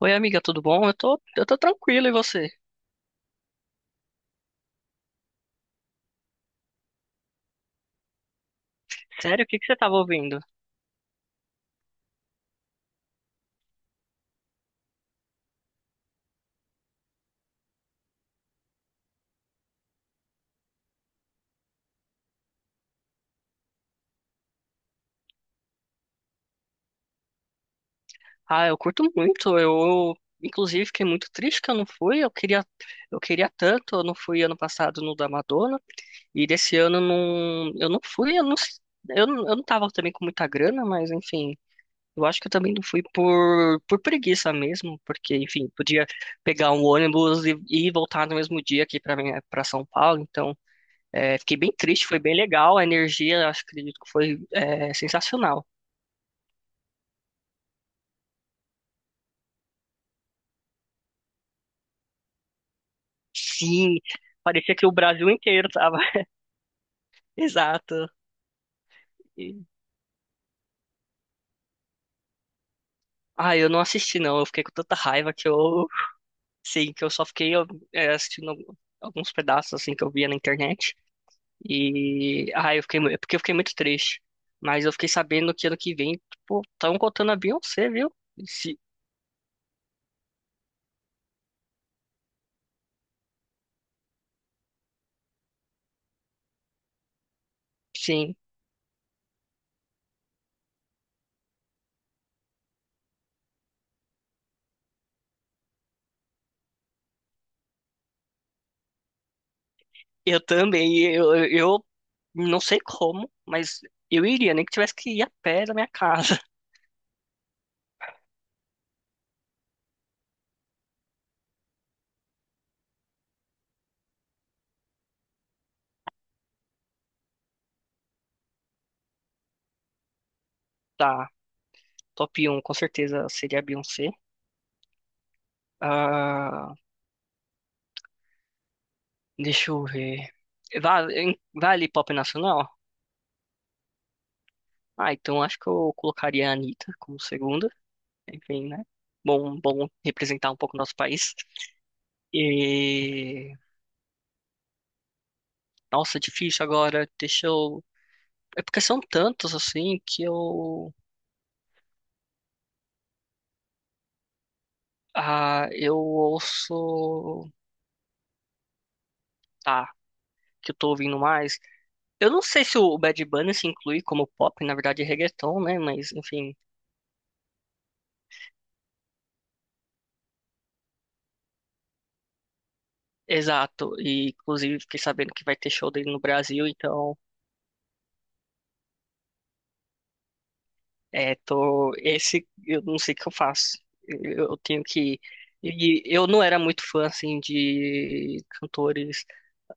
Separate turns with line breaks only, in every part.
Oi, amiga, tudo bom? Eu tô tranquilo, e você? Sério, o que que você tava ouvindo? Ah, eu curto muito. Eu, inclusive, fiquei muito triste que eu não fui. Eu queria tanto. Eu não fui ano passado no da Madonna. E desse ano não, eu não fui. Eu não, s- eu, não- Eu não tava também com muita grana, mas enfim. Eu acho que eu também não fui por preguiça mesmo, porque, enfim, podia pegar um ônibus e voltar no mesmo dia aqui pra São Paulo. Então, é, fiquei bem triste, foi bem legal. A energia, acredito que foi, é, sensacional. Sim, parecia que o Brasil inteiro tava. Exato. E- Ah, eu não assisti, não. Eu fiquei com tanta raiva que eu. Sim, que eu só fiquei, ó, é, assistindo alguns pedaços, assim, que eu via na internet. E, ah, eu fiquei. Porque eu fiquei muito triste. Mas eu fiquei sabendo que ano que vem, tipo, estão contando a Beyoncé, viu? Se- Sim. Eu também, eu não sei como, mas eu iria, nem que tivesse que ir a pé da minha casa. Tá, top um com certeza seria a Beyoncé. Ah, deixa eu ver. Vale, vale pop nacional? Ah, então acho que eu colocaria a Anitta como segunda. Enfim, né? Bom, bom representar um pouco o nosso país. E, nossa, difícil agora. Deixa eu. É porque são tantos assim que eu. Ah, eu ouço. Tá, que eu tô ouvindo mais. Eu não sei se o Bad Bunny se inclui como pop, na verdade é reggaeton, né? Mas, enfim, exato. E, inclusive, fiquei sabendo que vai ter show dele no Brasil, então, é, tô... Esse, eu não sei o que eu faço. Eu tenho que... E eu não era muito fã, assim, de cantores,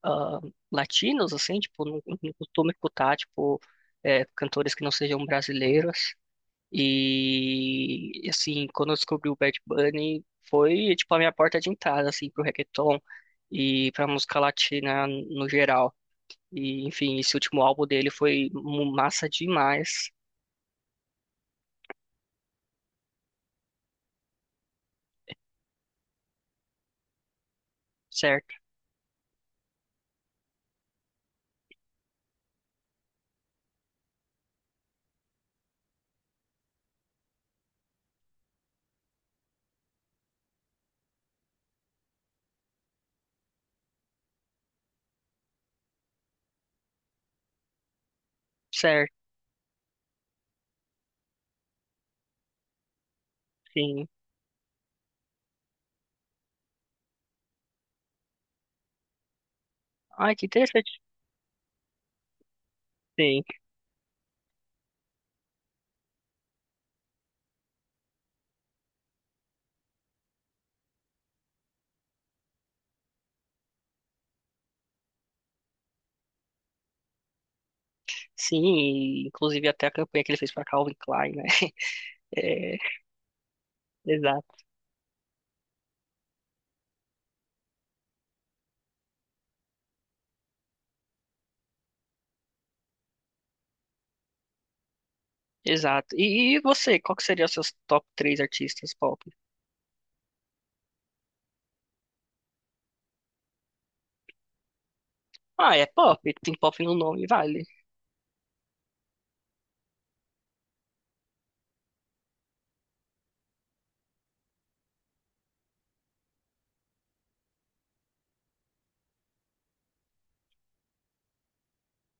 ah, latinos, assim, tipo, não costumo escutar, tipo, é, cantores que não sejam brasileiros. E assim, quando eu descobri o Bad Bunny, foi tipo a minha porta de entrada assim pro reggaeton e pra música latina no geral. E enfim, esse último álbum dele foi massa demais, certo? Certo, sim. Ai, que interessante. Sim, sim, e, inclusive, até a campanha que ele fez pra Calvin Klein, né? É, exato, exato. E você, qual que seria os seus top três artistas pop? Ah, é pop, tem pop no nome, vale.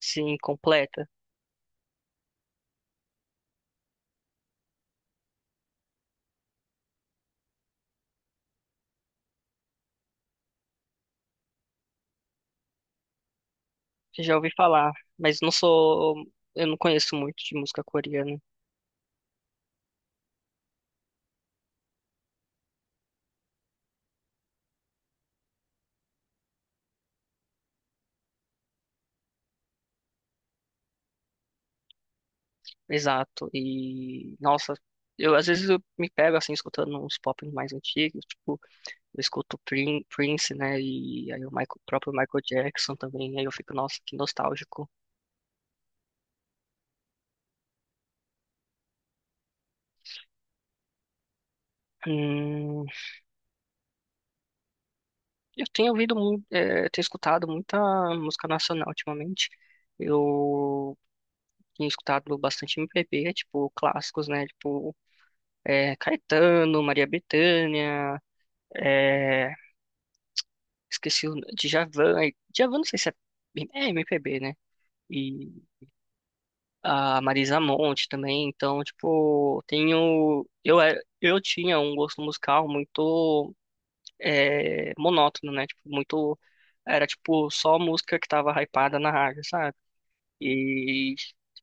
Sim, completa. Já ouvi falar, mas não sou, eu não conheço muito de música coreana, exato. E nossa, eu às vezes eu me pego assim escutando uns pop mais antigos, tipo, eu escuto Prince, né? E aí o próprio Michael Jackson também, aí eu fico, nossa, que nostálgico. Hum, eu tenho ouvido muito, tenho escutado muita música nacional ultimamente. Eu tenho escutado bastante MPB, tipo, clássicos, né? Tipo, é, Caetano, Maria Bethânia. É, esqueci o Djavan. Djavan não sei se é, é MPB, né? E a Marisa Monte também. Então, tipo, tenho. Eu tinha um gosto musical muito, é, monótono, né? Tipo, muito. Era tipo só música que tava hypada na rádio, sabe? E,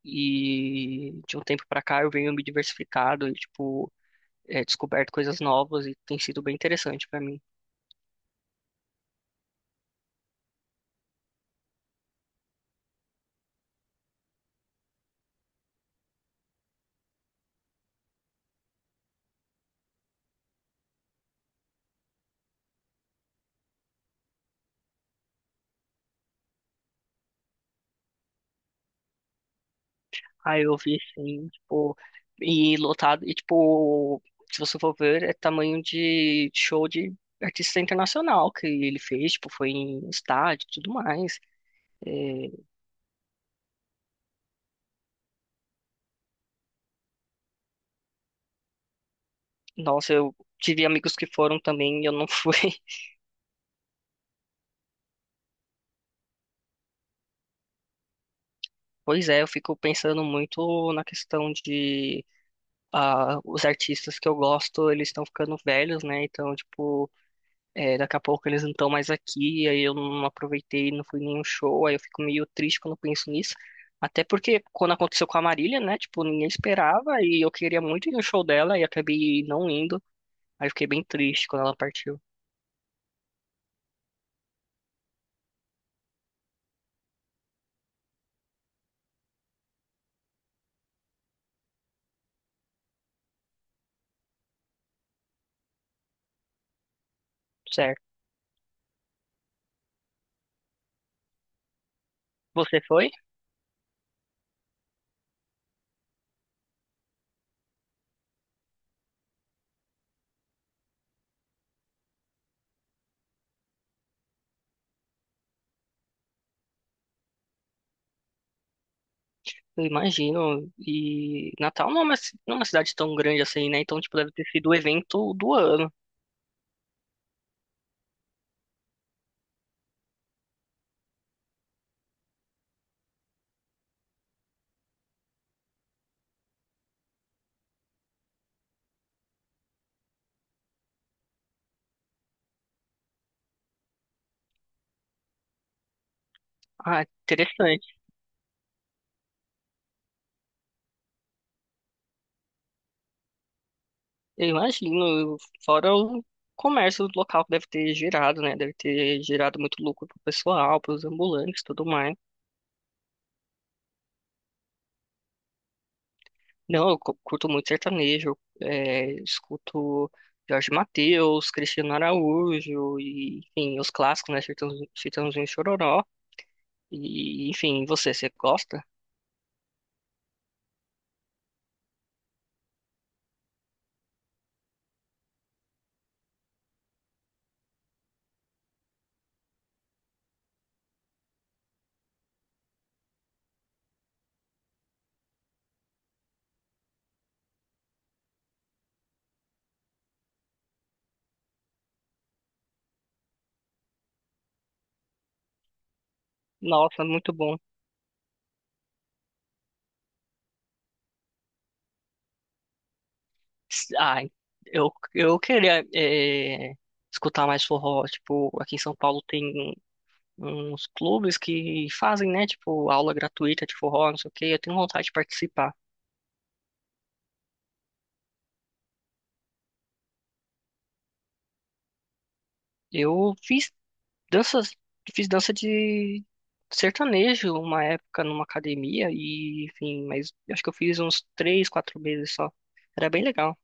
e de um tempo pra cá eu venho me diversificado e, tipo, é, descoberto coisas novas e tem sido bem interessante pra mim. Aí eu vi, sim, tipo, e lotado, e tipo, se você for ver, é tamanho de show de artista internacional que ele fez, tipo, foi em estádio e tudo mais. É, nossa, eu tive amigos que foram também e eu não fui. Pois é, eu fico pensando muito na questão de, ah, os artistas que eu gosto, eles estão ficando velhos, né? Então, tipo, é, daqui a pouco eles não estão mais aqui, aí eu não aproveitei, não fui em nenhum show, aí eu fico meio triste quando penso nisso. Até porque quando aconteceu com a Marília, né? Tipo, ninguém esperava e eu queria muito ir no show dela e acabei não indo. Aí fiquei bem triste quando ela partiu. Certo. Você foi? Eu imagino. E Natal não é uma, não é uma cidade tão grande assim, né? Então, tipo, deve ter sido o evento do ano. Ah, interessante. Eu imagino, fora o comércio local que deve ter gerado, né? Deve ter gerado muito lucro pro pessoal, pros ambulantes, e tudo mais. Não, eu curto muito sertanejo, é, escuto Jorge Mateus, Cristiano Araújo e, enfim, os clássicos, né? Chitãozinho, Chitãozinho e Chororó. E, enfim, você, você gosta? Nossa, muito bom. Ai, eu queria, é, escutar mais forró. Tipo, aqui em São Paulo tem. Uns clubes que fazem, né, tipo, aula gratuita de forró, não sei o quê, eu tenho vontade de participar. Eu fiz danças, fiz dança de sertanejo uma época numa academia e, enfim, mas acho que eu fiz uns três, quatro meses só. Era bem legal.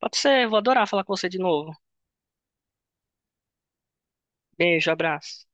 Pode ser, vou adorar falar com você de novo. Beijo, abraço.